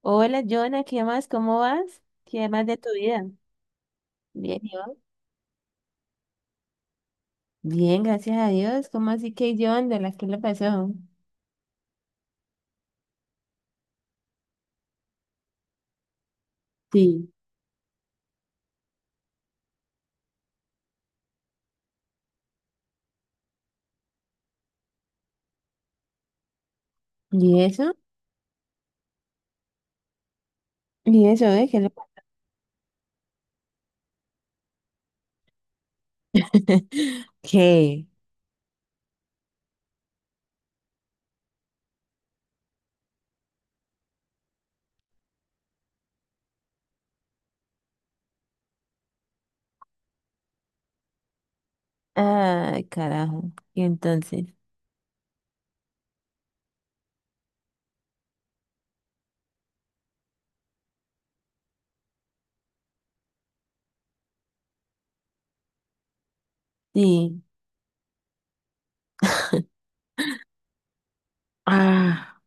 Hola, Jonah, ¿qué más? ¿Cómo vas? ¿Qué más de tu vida? Bien, ¿y vos? Bien, gracias a Dios. ¿Cómo así que yo ando? ¿La que le pasó? Sí. ¿Y eso? ¿Y eso, eh? ¿Qué le pasó? ¿Qué? Ay, carajo. ¿Y entonces? Sí. Ah,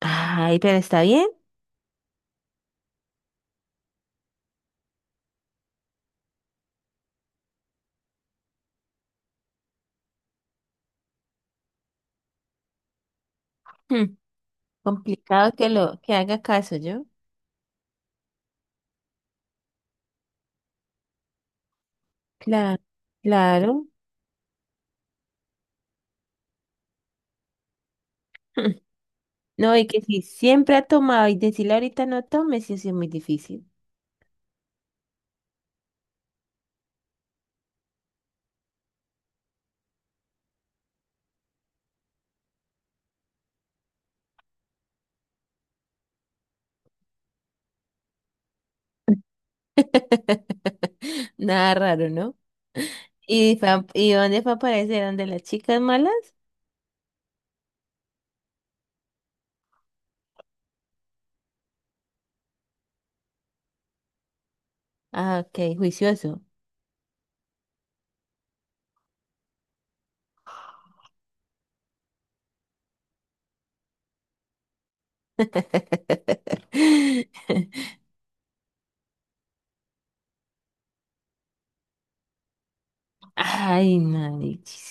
ay, pero está bien. Hmm, complicado que haga caso yo. Claro, claro. Hmm. No, y que si siempre ha tomado y decirle ahorita no tome, sí, sí es muy difícil. Nada raro, ¿no? ¿Y, y dónde fue a aparecer? ¿Dónde las chicas malas? Ah, ok, juicioso. Ay, marichis.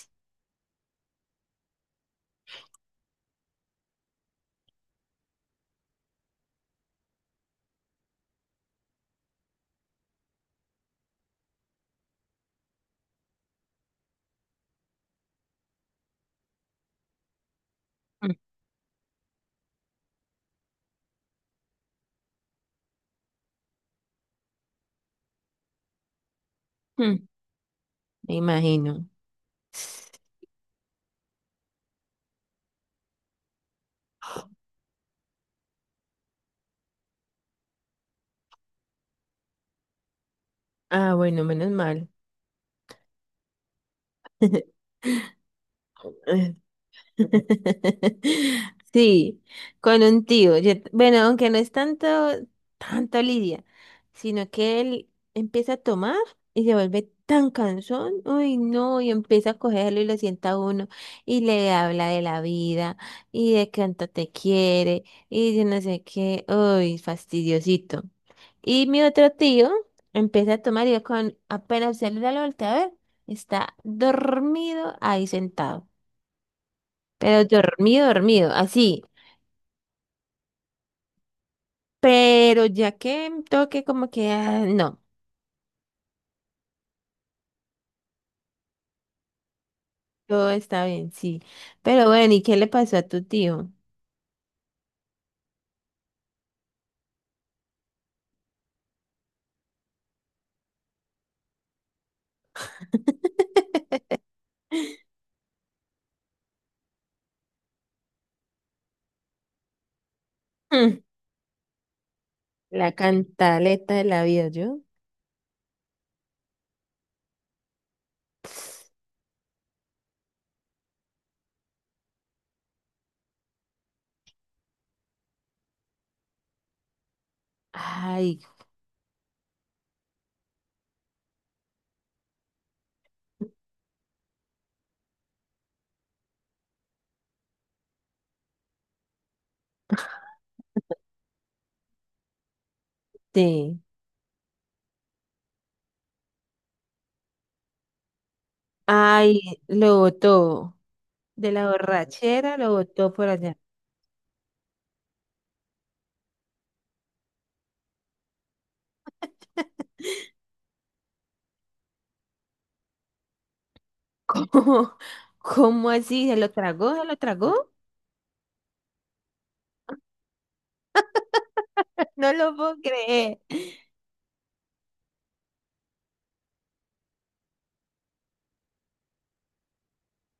Mm, mm, me imagino. Ah, bueno, menos mal. Sí, con un tío. Bueno, aunque no es tanto, tanto Lidia, sino que él empieza a tomar y se vuelve tan cansón. Uy, no, y empieza a cogerlo y lo sienta a uno y le habla de la vida y de cuánto te quiere y de no sé qué. Uy, fastidiosito. Y mi otro tío empieza a tomar y yo con apenas se le da la vuelta a ver, está dormido ahí sentado. Pero dormido, dormido, así. Pero ya que toque como que, ah, no, todo está bien, sí. Pero bueno, ¿y qué le pasó a tu tío? Mm, la cantaleta de la vida, ¿yo? Ay, sí. Ay, lo botó. De la borrachera lo botó por allá. ¿Cómo? ¿Cómo así? ¿Se lo tragó? ¿Se lo tragó? No lo puedo creer.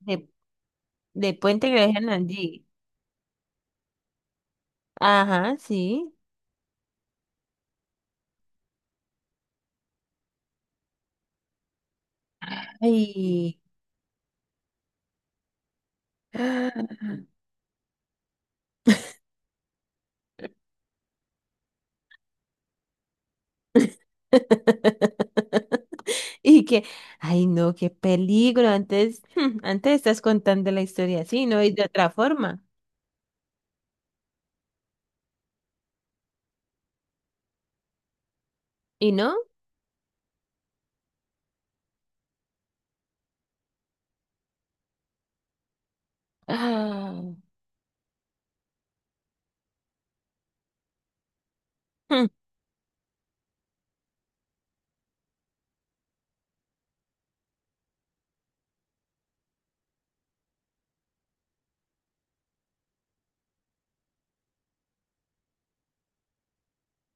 De, de Puente Grande allí. Ajá, sí. Ay. Ah. Y que, ay no, qué peligro. Antes, hmm, antes estás contando la historia así, ¿no? Y de otra forma. ¿Y no? Ah. Hmm,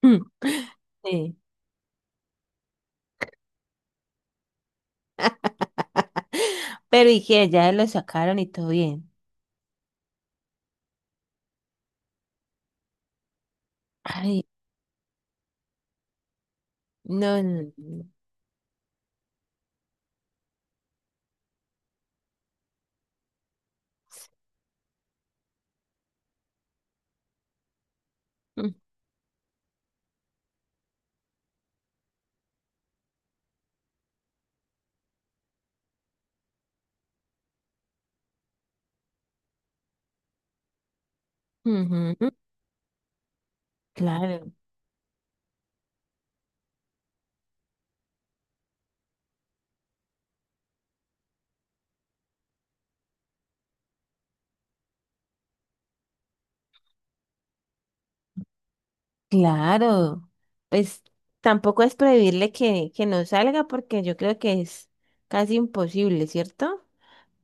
hmm. Sí. Pero y que ya lo sacaron y todo bien. Ay, no, no, no. Mm, ujú, claro, claro. Pues tampoco es prohibirle que no salga porque yo creo que es casi imposible, ¿cierto?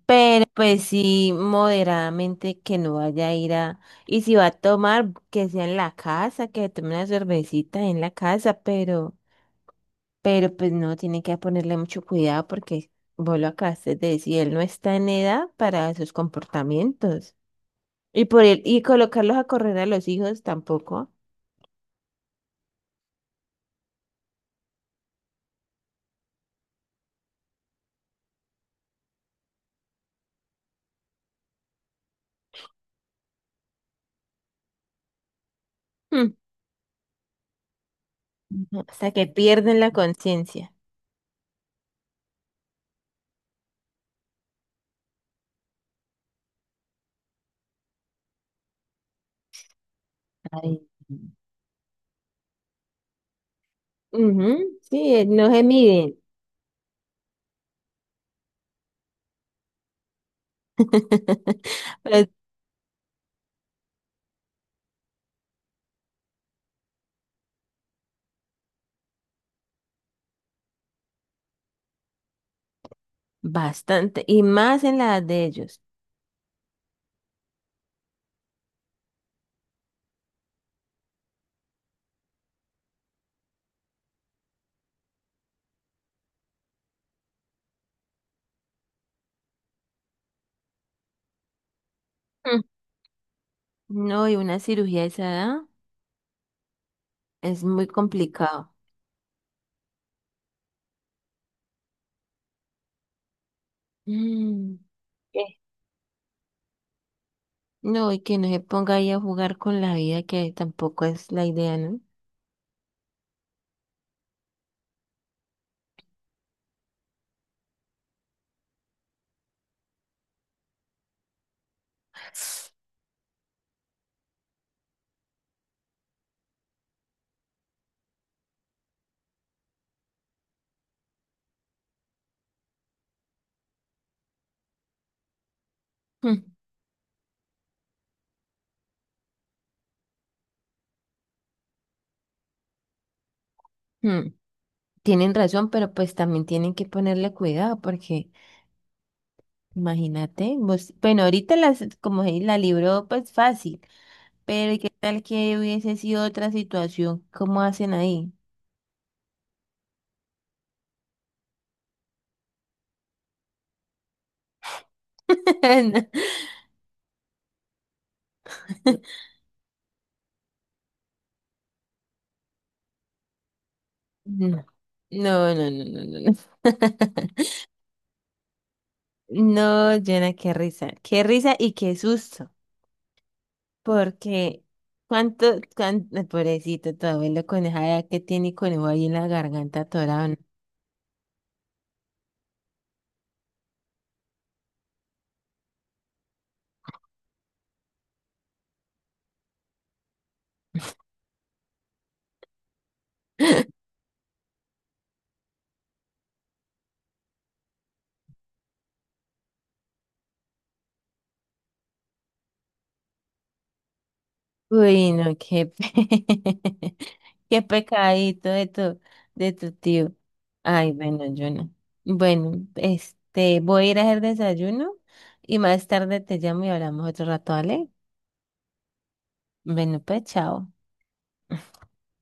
Pero pues sí, moderadamente que no vaya a ir a... Y si va a tomar, que sea en la casa, que tome una cervecita en la casa, pero pues no, tiene que ponerle mucho cuidado porque vos lo acabaste de decir, él no está en edad para esos comportamientos. Y por él, y colocarlos a correr a los hijos tampoco. Hmm, ujú, hasta que pierden la conciencia. Ay, ujú, sí, no se miden. Pero bastante, y más en la edad de ellos. Mm. No, y una cirugía de esa edad es muy complicado. Mm, ¿qué? No, y que no se ponga ahí a jugar con la vida, que tampoco es la idea, ¿no? Mm, mm. Tienen razón, pero pues también tienen que ponerle cuidado, porque imagínate, vos, bueno, ahorita las, la libró, pues fácil, pero ¿y qué tal que hubiese sido otra situación? ¿Cómo hacen ahí? No, no, no, no, no, no. No, no, Jonah, qué risa. Qué risa y qué susto. Porque cuánto, cuánto, pobrecito, tu abuelo con esa edad que tiene y conejo ahí en la garganta atorado. ¿No? Uy, no, qué, qué pecadito de tu tío. Ay, bueno, Jonah. Bueno, voy a ir a hacer desayuno y más tarde te llamo y hablamos otro rato, ¿vale? Bueno, pues, chao.